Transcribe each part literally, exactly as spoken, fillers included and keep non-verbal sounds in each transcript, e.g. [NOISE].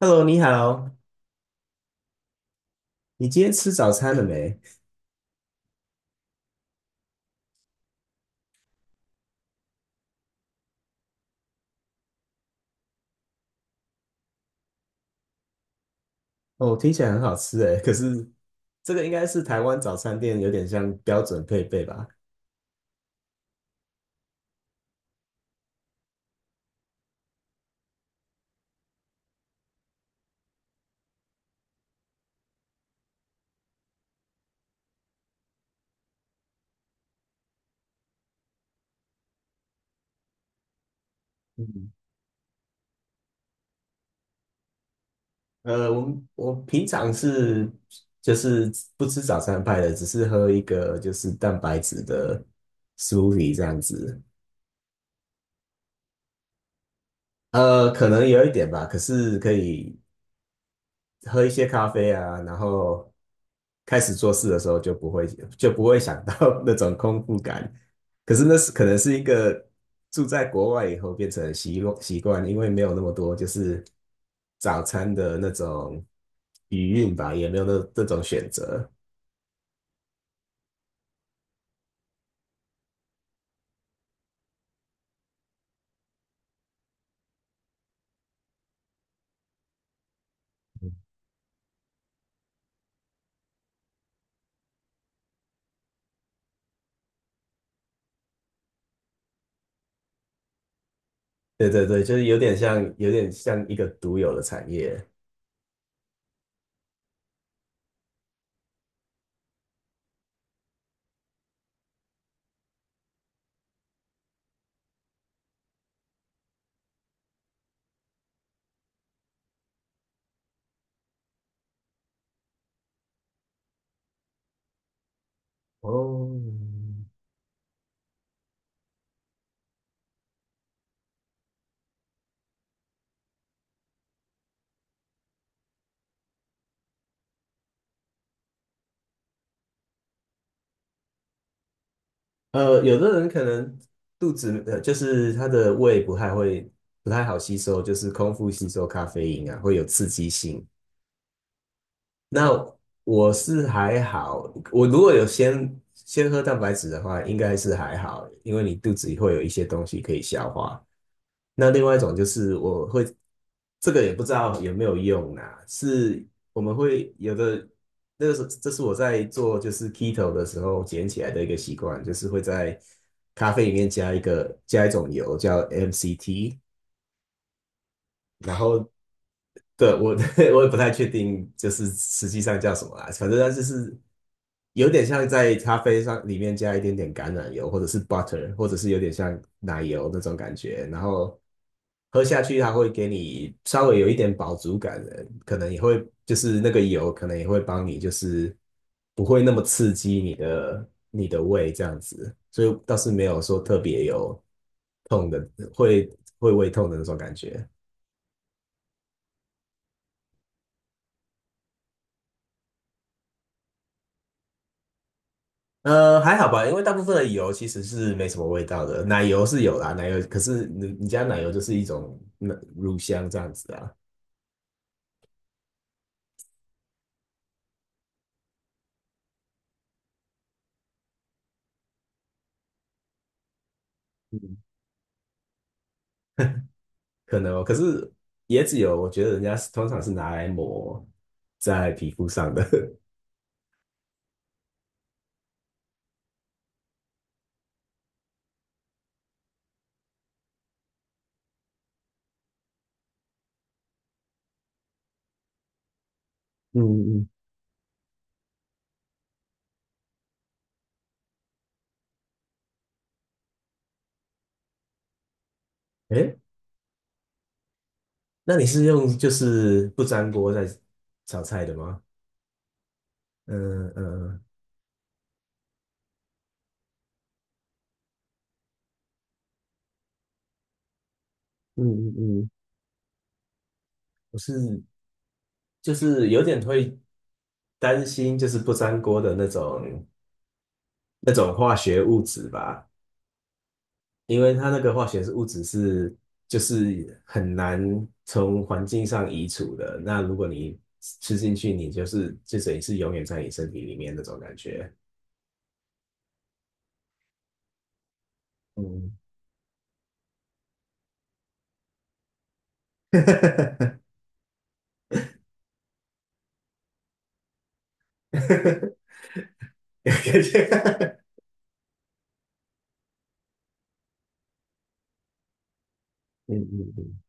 Hello，你好，你今天吃早餐了没？哦，听起来很好吃哎，可是这个应该是台湾早餐店有点像标准配备吧？嗯。呃，我们我平常是就是不吃早餐派的，只是喝一个就是蛋白质的 smoothie 这样子。呃，可能有一点吧，可是可以喝一些咖啡啊，然后开始做事的时候就不会 [LAUGHS] 就不会想到 [LAUGHS] 那种空腹感。可是那是可能是一个住在国外以后变成习惯习惯，因为没有那么多就是早餐的那种余韵吧，也没有那这种选择。对对对，就是有点像有点像一个独有的产业。哦，呃，有的人可能肚子呃，就是他的胃不太会不太好吸收，就是空腹吸收咖啡因啊，会有刺激性。那我是还好，我如果有先先喝蛋白质的话，应该是还好，因为你肚子里会有一些东西可以消化。那另外一种就是我会，这个也不知道有没有用啊，是我们会有的，那个是这是我在做就是 keto 的时候捡起来的一个习惯，就是会在咖啡里面加一个加一种油叫 M C T，然后对，我 [LAUGHS] 我也不太确定，就是实际上叫什么啦。反正它就是有点像在咖啡上里面加一点点橄榄油，或者是 butter，或者是有点像奶油那种感觉。然后喝下去，它会给你稍微有一点饱足感的，可能也会就是那个油，可能也会帮你，就是不会那么刺激你的你的胃这样子。所以倒是没有说特别有痛的，会会胃痛的那种感觉。呃，还好吧，因为大部分的油其实是没什么味道的，奶油是有啦，奶油可是你你家奶油就是一种那乳香这样子啊，嗯，可能哦。可是椰子油，我觉得人家是通常是拿来抹在皮肤上的。[LAUGHS] 嗯嗯，[LAUGHS] 诶，那你是用就是不粘锅在炒菜的吗？嗯嗯，嗯嗯嗯，我是就是有点会担心，就是不粘锅的那种那种化学物质吧。因为它那个化学是物质是就是很难从环境上移除的，那如果你吃进去，你就是就等于是永远在你身体里面那种感觉。嗯，[LAUGHS] 有感觉。[LAUGHS] 嗯嗯嗯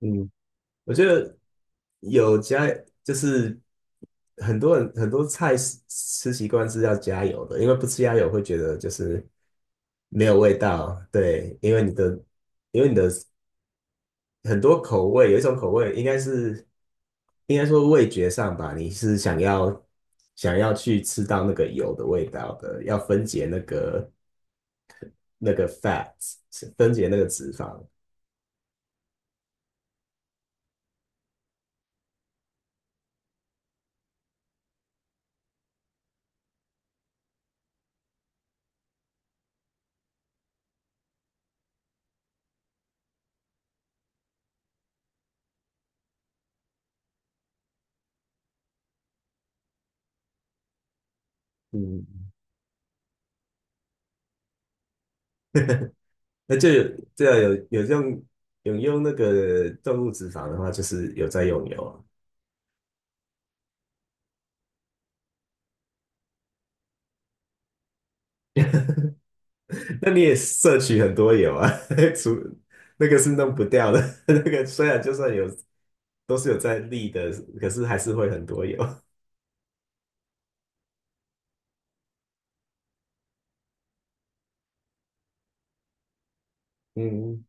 嗯，我觉得有加就是很多人很多菜吃吃习惯是要加油的，因为不吃加油会觉得就是没有味道。对，因为你的因为你的很多口味，有一种口味应该是应该说味觉上吧，你是想要想要去吃到那个油的味道的，要分解那个那个 fat，分解那个脂肪。嗯，[LAUGHS] 那就有对啊，有有用有用那个动物脂肪的话，就是有在用油啊。[LAUGHS] [LAUGHS] 那你也摄取很多油啊，[LAUGHS] 除那个是弄不掉的，[LAUGHS] 那个虽然就算有都是有在立的，可是还是会很多油。嗯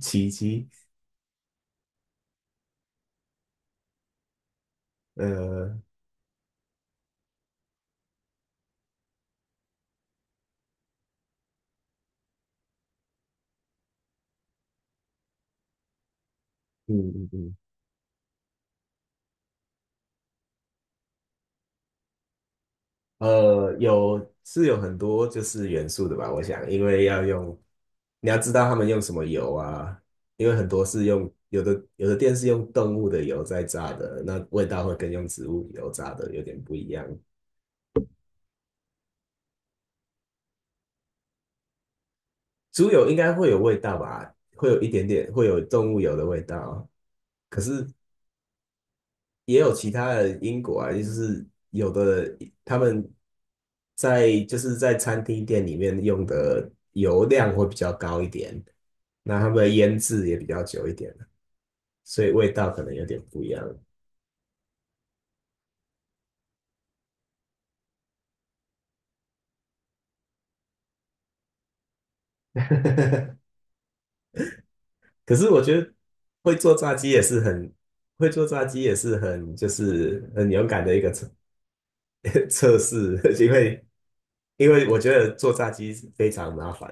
奇迹，呃嗯嗯嗯，呃，有是有很多就是元素的吧，我想，因为要用，你要知道他们用什么油啊，因为很多是用有的有的店是用动物的油在炸的，那味道会跟用植物油炸的有点不一样。猪油应该会有味道吧，会有一点点，会有动物油的味道。可是也有其他的因果啊，就是有的他们在就是在餐厅店里面用的油量会比较高一点，那他们的腌制也比较久一点，所以味道可能有点不一样。[LAUGHS] 可是我觉得会做炸鸡也是很会做炸鸡也是很就是很勇敢的一个测 [LAUGHS] 测试，因为因为我觉得做炸鸡非常麻烦，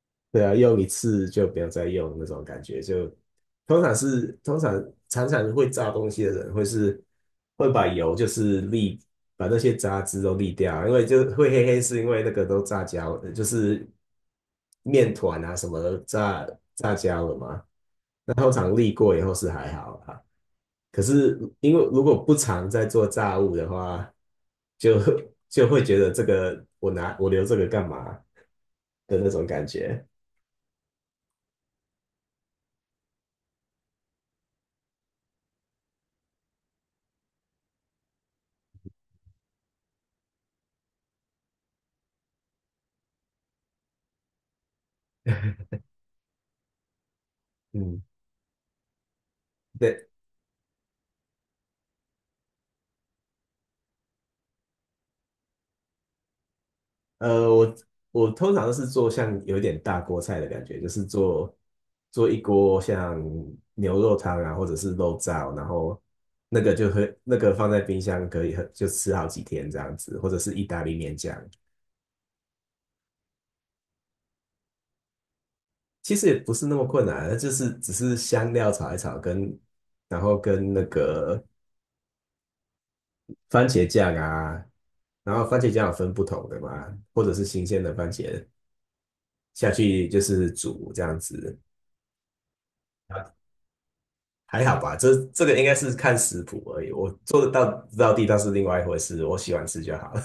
[LAUGHS] 对啊，用一次就不要再用那种感觉，就通常是通常常常会炸东西的人会是会把油就是沥把那些杂质都沥掉啊，因为就会黑黑是因为那个都炸焦，就是面团啊什么的炸炸焦了嘛，那通常沥过以后是还好啦。可是因为如果不常在做炸物的话，就就会觉得这个我拿我留这个干嘛的那种感觉。嗯，对，呃，我我通常都是做像有一点大锅菜的感觉，就是做做一锅像牛肉汤啊，或者是肉燥，然后那个就会那个放在冰箱可以很就吃好几天这样子，或者是意大利面酱，其实也不是那么困难，就是只是香料炒一炒跟然后跟那个番茄酱啊，然后番茄酱有分不同的嘛，或者是新鲜的番茄下去就是煮这样子，还好吧？这这个应该是看食谱而已，我做得到，到地道是另外一回事，我喜欢吃就好了。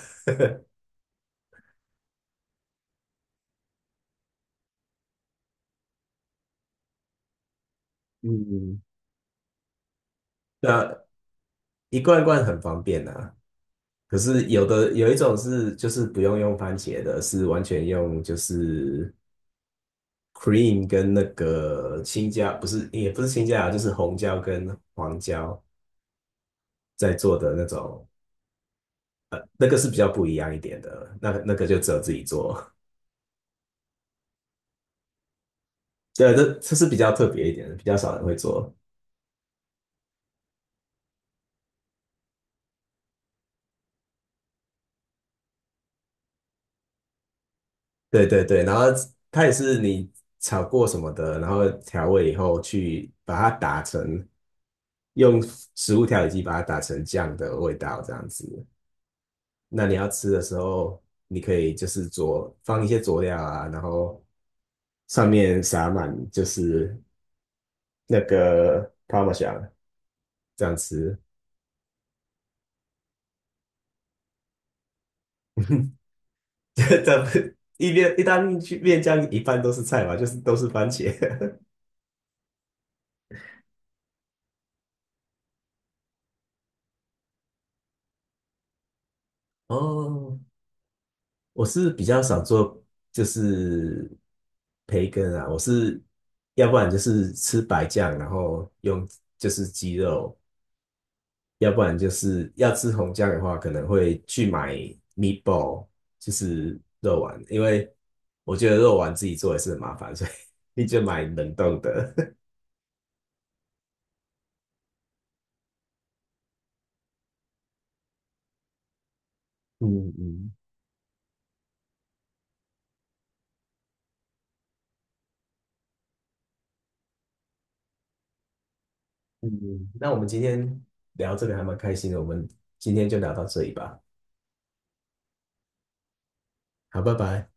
嗯，那一罐一罐很方便啊，可是有的有一种是就是不用用番茄的，是完全用就是 cream 跟那个青椒，不是也不是青椒啊，就是红椒跟黄椒在做的那种那个是比较不一样一点的，那那个就只有自己做。[LAUGHS] 对，这这是比较特别一点的，比较少人会做。对对对，然后它也是你炒过什么的，然后调味以后去把它打成，用食物调理机把它打成酱的味道这样子。那你要吃的时候，你可以就是佐放一些佐料啊，然后上面撒满就是那个 p a r 这样吃。[LAUGHS] [LAUGHS] 咱们意面意大利面酱一半都是菜嘛，就是都是番茄。[LAUGHS] 哦，我是比较少做就是培根啊，我是要不然就是吃白酱，然后用就是鸡肉，要不然就是要吃红酱的话，可能会去买 meatball，就是肉丸，因为我觉得肉丸自己做也是很麻烦，所以 [LAUGHS] 你就买冷冻的。[LAUGHS] 嗯嗯。嗯，那我们今天聊这个还蛮开心的，我们今天就聊到这里吧。好，拜拜。